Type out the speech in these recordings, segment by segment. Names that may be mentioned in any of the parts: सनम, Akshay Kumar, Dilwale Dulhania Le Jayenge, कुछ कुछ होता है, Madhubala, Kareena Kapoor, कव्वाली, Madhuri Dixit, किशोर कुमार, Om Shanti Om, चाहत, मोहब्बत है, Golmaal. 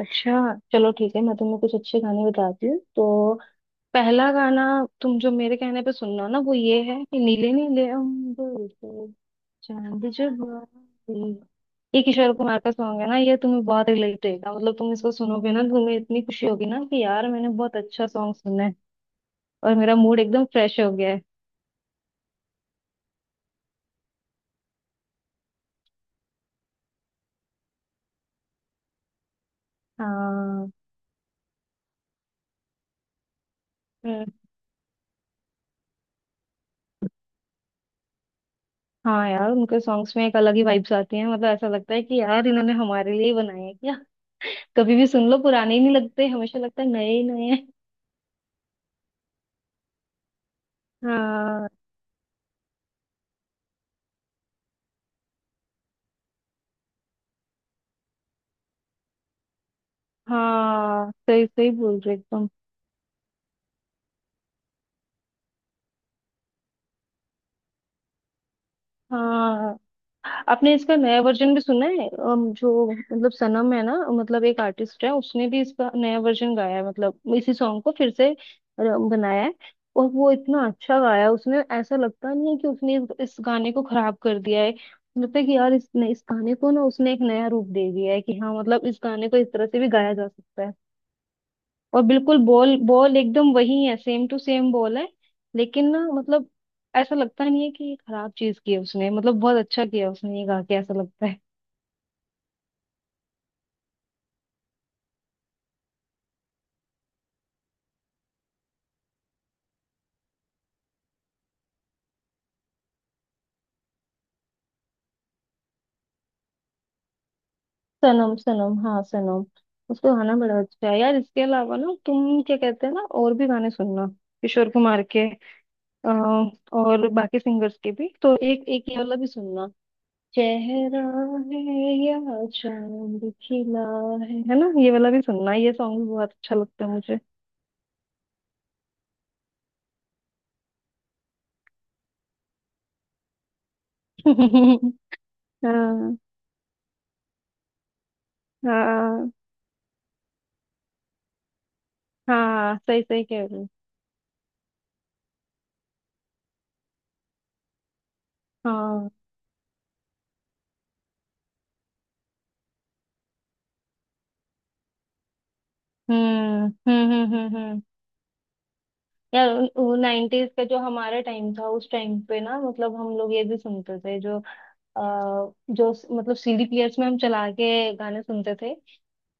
अच्छा चलो ठीक है मैं तुम्हें कुछ अच्छे गाने बताती हूँ तो पहला गाना तुम जो मेरे कहने पे सुनना ना वो ये है कि नीले नीले अंबर पे चांद जब आए। ये किशोर कुमार का सॉन्ग है ना ये तुम्हें बहुत रिलेट होगा मतलब तुम इसको सुनोगे ना तुम्हें इतनी खुशी होगी ना कि यार मैंने बहुत अच्छा सॉन्ग सुना है और मेरा मूड एकदम फ्रेश हो गया है। हाँ। हम्म, हाँ यार उनके सॉन्ग्स में एक अलग ही वाइब्स आती हैं मतलब ऐसा लगता है कि यार इन्होंने हमारे लिए ही बनाए हैं क्या। कभी भी सुन लो पुराने ही नहीं लगते हमेशा लगता है नए ही नए। हाँ। हाँ सही सही बोल रहे एकदम। हाँ। आपने इसका नया वर्जन भी सुना है जो मतलब सनम है ना। मतलब एक आर्टिस्ट है उसने भी इसका नया वर्जन गाया है मतलब इसी सॉन्ग को फिर से बनाया है। और वो इतना अच्छा गाया है, उसने ऐसा लगता नहीं है कि उसने इस गाने को खराब कर दिया है। लगता है कि यार इस गाने को ना उसने एक नया रूप दे दिया है कि हाँ मतलब इस गाने को इस तरह से भी गाया जा सकता है। और बिल्कुल बॉल बॉल एकदम वही है सेम टू सेम बॉल है। लेकिन ना मतलब ऐसा लगता नहीं है कि ये खराब चीज की है उसने मतलब बहुत अच्छा किया उसने ये गा के ऐसा लगता है। सनम सनम हाँ सनम। उसका गाना बड़ा अच्छा है यार। इसके अलावा ना तुम क्या कहते हैं ना और भी गाने सुनना किशोर कुमार के। अ, और बाकी सिंगर्स के भी तो एक एक ये वाला भी सुनना चेहरा है या चांद खिला है ना ये वाला भी सुनना। ये सॉन्ग भी बहुत अच्छा लगता है मुझे। हाँ। हाँ। हाँ सही सही कह रही हो। हाँ। हम्म हम्म हम्म हम्म हम्म। यार वो 90s का जो हमारा टाइम था उस टाइम पे ना मतलब हम लोग ये भी सुनते थे आ, जो मतलब सीडी प्लेयर्स में हम चला के गाने सुनते थे।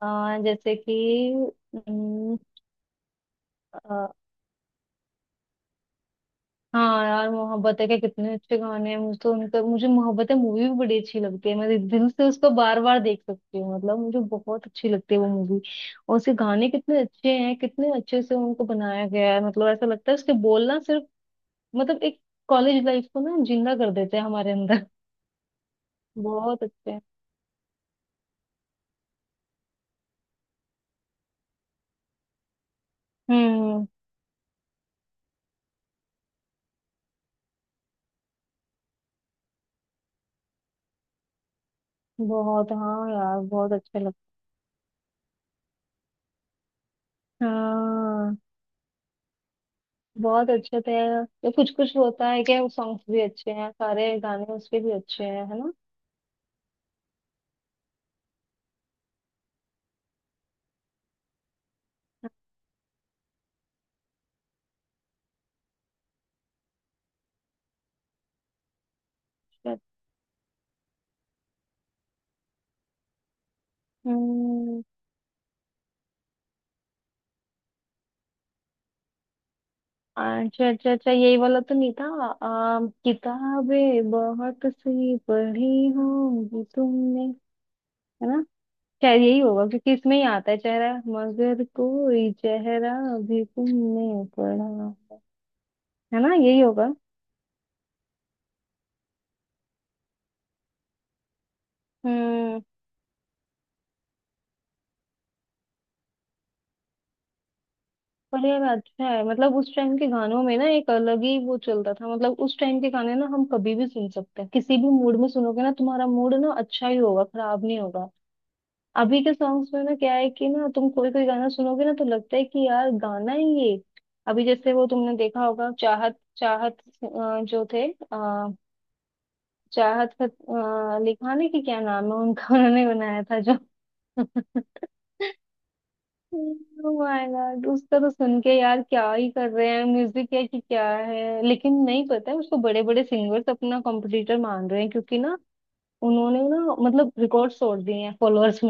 जैसे कि। हाँ यार मोहब्बत है के कितने अच्छे गाने हैं मुझे तो उनका मुझे मोहब्बत है मूवी भी बड़ी अच्छी लगती है मैं दिल से उसको बार बार देख सकती हूँ मतलब मुझे बहुत अच्छी लगती है वो मूवी। और उसके गाने कितने अच्छे हैं कितने अच्छे से उनको बनाया गया है मतलब ऐसा लगता है उसके बोलना सिर्फ मतलब एक कॉलेज लाइफ को ना जिंदा कर देते हैं हमारे अंदर। बहुत अच्छे हैं। हम्म। बहुत हाँ यार बहुत अच्छे लगते हैं। हाँ। बहुत अच्छे थे। ये कुछ कुछ होता है क्या सॉन्ग्स भी अच्छे हैं सारे गाने उसके भी अच्छे हैं है ना। हम्म, अच्छा अच्छा अच्छा यही वाला तो नहीं था किताबें बहुत सी पढ़ी होंगी तुमने है ना। शायद यही होगा क्योंकि इसमें ही आता है चेहरा मगर कोई चेहरा भी तुमने पढ़ा है है ना यही होगा। हम्म। पर यार अच्छा है मतलब उस टाइम के गानों में ना एक अलग ही वो चलता था मतलब उस टाइम के गाने ना हम कभी भी सुन सकते हैं किसी भी मूड में सुनोगे ना तुम्हारा मूड ना अच्छा ही होगा खराब नहीं होगा। अभी के सॉन्ग्स में ना क्या है कि ना तुम कोई कोई गाना सुनोगे ना तो लगता है कि यार गाना ही ये। अभी जैसे वो तुमने देखा होगा चाहत चाहत जो थे आ, चाहत का लिखाने की क्या नाम है उनका उन्होंने बनाया था जो। ओ माय गॉड उसका तो सुन के यार क्या ही कर रहे हैं म्यूजिक है कि क्या है लेकिन नहीं पता है उसको बड़े बड़े सिंगर्स अपना कॉम्पिटिटर मान रहे हैं क्योंकि ना उन्होंने ना मतलब रिकॉर्ड तोड़ दिए हैं फॉलोअर्स।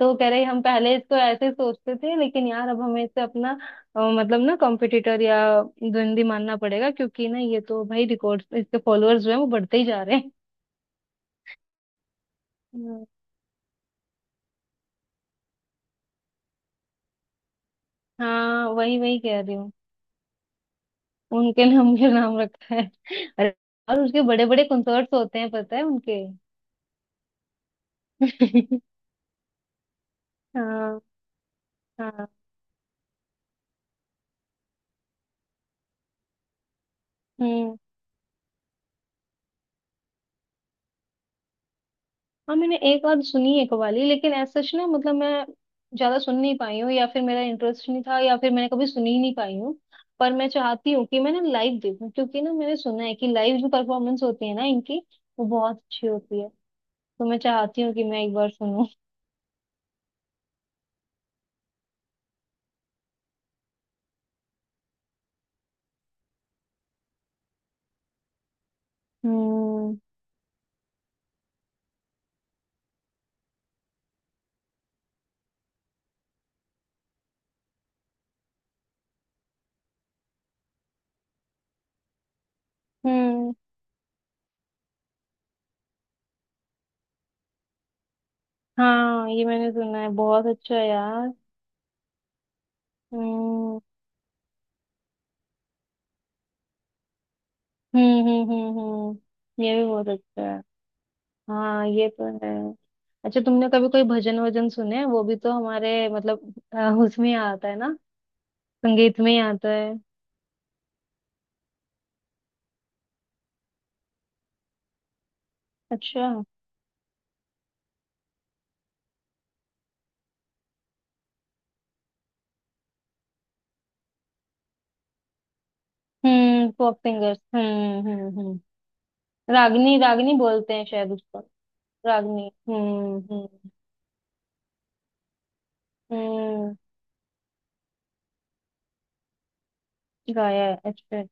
तो कह रहे हम पहले तो ऐसे सोचते थे लेकिन यार अब हमें इससे अपना मतलब ना कॉम्पिटिटर या द्वंदी मानना पड़ेगा क्योंकि ना ये तो भाई रिकॉर्ड इसके फॉलोअर्स जो है वो बढ़ते ही जा रहे हैं। हम्म, हाँ वही वही कह रही हूँ। उनके नाम के नाम रखा है। अरे और उसके बड़े बड़े कंसर्ट्स होते हैं पता है उनके। हाँ। हाँ। हम्म। हाँ मैंने एक आध सुनी है कवाली लेकिन ऐसा सच ना मतलब मैं ज्यादा सुन नहीं पाई हूँ या फिर मेरा इंटरेस्ट नहीं था या फिर मैंने कभी सुनी ही नहीं पाई हूँ। पर मैं चाहती हूँ कि मैं ना लाइव देखूँ क्योंकि ना मैंने सुना है कि लाइव जो परफॉर्मेंस होती है ना इनकी वो बहुत अच्छी होती है। तो मैं चाहती हूँ कि मैं एक बार सुनूं। हम्म हम्म। हाँ ये मैंने सुना है बहुत अच्छा है यार। हम्म हम्म। ये भी बहुत अच्छा है। हाँ ये तो है। अच्छा तुमने कभी कोई भजन वजन सुने हैं? वो भी तो हमारे मतलब उसमें ही आता है ना संगीत में ही आता है। अच्छा। पॉप सिंगर्स हम्म। रागनी रागनी बोलते हैं शायद उसको। रागनी हम्म गाया है अच्छा।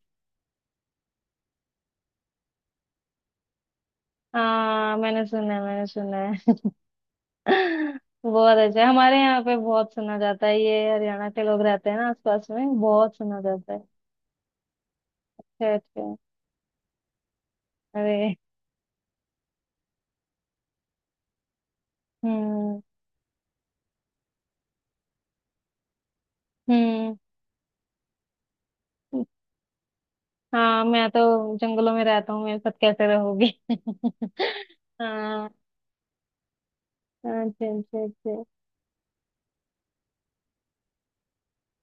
हाँ मैंने सुना है मैंने सुना है। बहुत अच्छा है। हमारे यहाँ पे बहुत सुना जाता है ये हरियाणा के लोग रहते हैं ना आसपास में बहुत सुना जाता है। अच्छा अच्छा अरे। हम्म हम्म। हाँ मैं तो जंगलों में रहता हूँ मेरे साथ कैसे रहोगे। हाँ अच्छा अच्छा अच्छा।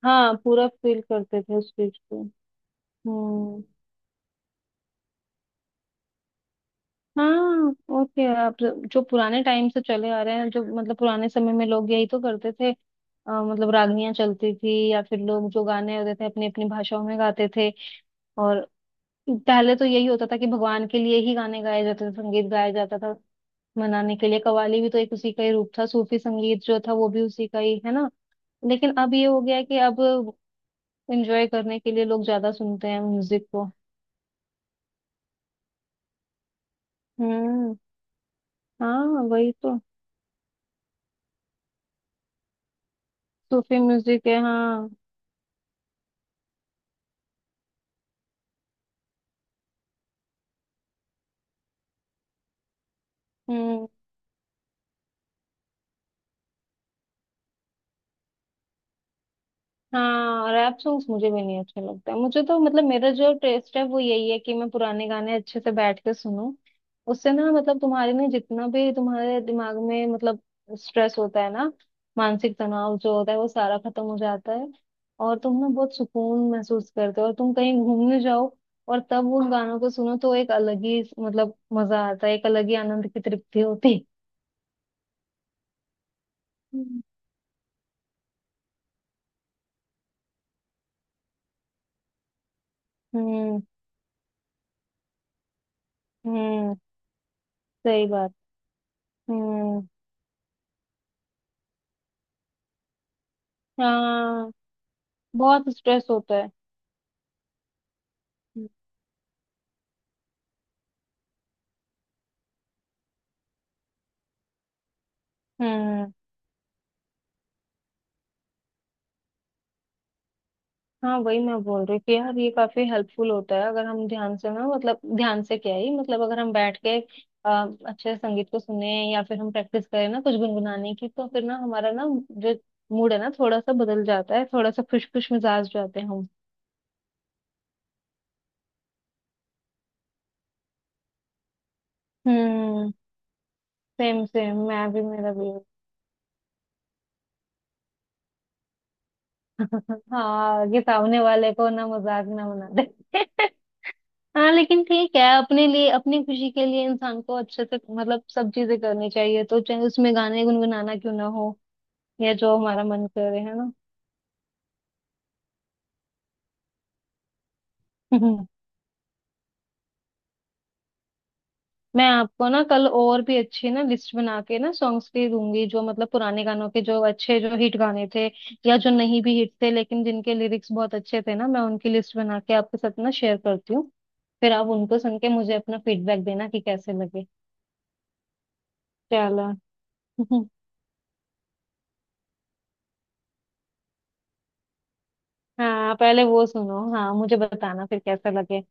हाँ पूरा फील करते थे उस चीज को। हम्म। हाँ ओके आप जो पुराने टाइम से चले आ रहे हैं जो मतलब पुराने समय में लोग यही तो करते थे। मतलब रागनियां चलती थी या फिर लोग जो गाने होते थे अपनी अपनी भाषाओं में गाते थे। और पहले तो यही होता था कि भगवान के लिए ही गाने गाए जाते थे संगीत गाया जाता था मनाने के लिए। कव्वाली भी तो एक उसी का ही रूप था सूफी संगीत जो था वो भी उसी का ही है ना। लेकिन अब ये हो गया है कि अब एंजॉय करने के लिए लोग ज्यादा सुनते हैं म्यूजिक को। हम्म। हाँ वही तो सूफी म्यूजिक है। हाँ। हम्म। हाँ रैप सॉन्ग्स मुझे भी नहीं अच्छे लगते मुझे तो मतलब मेरा जो टेस्ट है वो यही है कि मैं पुराने गाने अच्छे से बैठ के सुनूं। उससे ना मतलब तुम्हारे में जितना भी तुम्हारे दिमाग में मतलब स्ट्रेस होता है ना मानसिक तनाव जो होता है वो सारा खत्म हो जाता है। और तुम ना बहुत सुकून महसूस करते हो और तुम कहीं घूमने जाओ और तब उन गानों को सुनो तो एक अलग ही मतलब मजा आता है एक अलग ही आनंद की तृप्ति होती है। हम्म। हम्म हम्म सही बात हम्म। हाँ बहुत स्ट्रेस होता है। हम्म। हाँ वही मैं बोल रही थी यार ये काफी हेल्पफुल होता है अगर हम ध्यान से ना मतलब ध्यान से क्या ही मतलब अगर हम बैठ के अच्छे से संगीत को सुने या फिर हम प्रैक्टिस करें ना कुछ गुनगुनाने की तो फिर ना हमारा ना जो मूड है ना थोड़ा सा बदल जाता है थोड़ा सा खुश खुश मिजाज हो जाते हैं हम। हम्म सेम सेम मैं भी मेरा भी। हाँ ये सामने वाले को ना मजाक ना बना दे। हाँ लेकिन ठीक है अपने लिए अपनी खुशी के लिए इंसान को अच्छे से मतलब सब चीजें करनी चाहिए तो चाहे उसमें गाने गुनगुनाना क्यों ना हो या जो हमारा मन करे है ना। मैं आपको ना कल और भी अच्छी ना लिस्ट बना के ना सॉन्ग्स की दूंगी जो मतलब पुराने गानों के जो अच्छे जो हिट गाने थे या जो नहीं भी हिट थे लेकिन जिनके लिरिक्स बहुत अच्छे थे ना मैं उनकी लिस्ट बना के आपके साथ ना शेयर करती हूँ। फिर आप उनको सुन के मुझे अपना फीडबैक देना कि कैसे लगे। चलो। हाँ पहले वो सुनो हाँ मुझे बताना फिर कैसा लगे।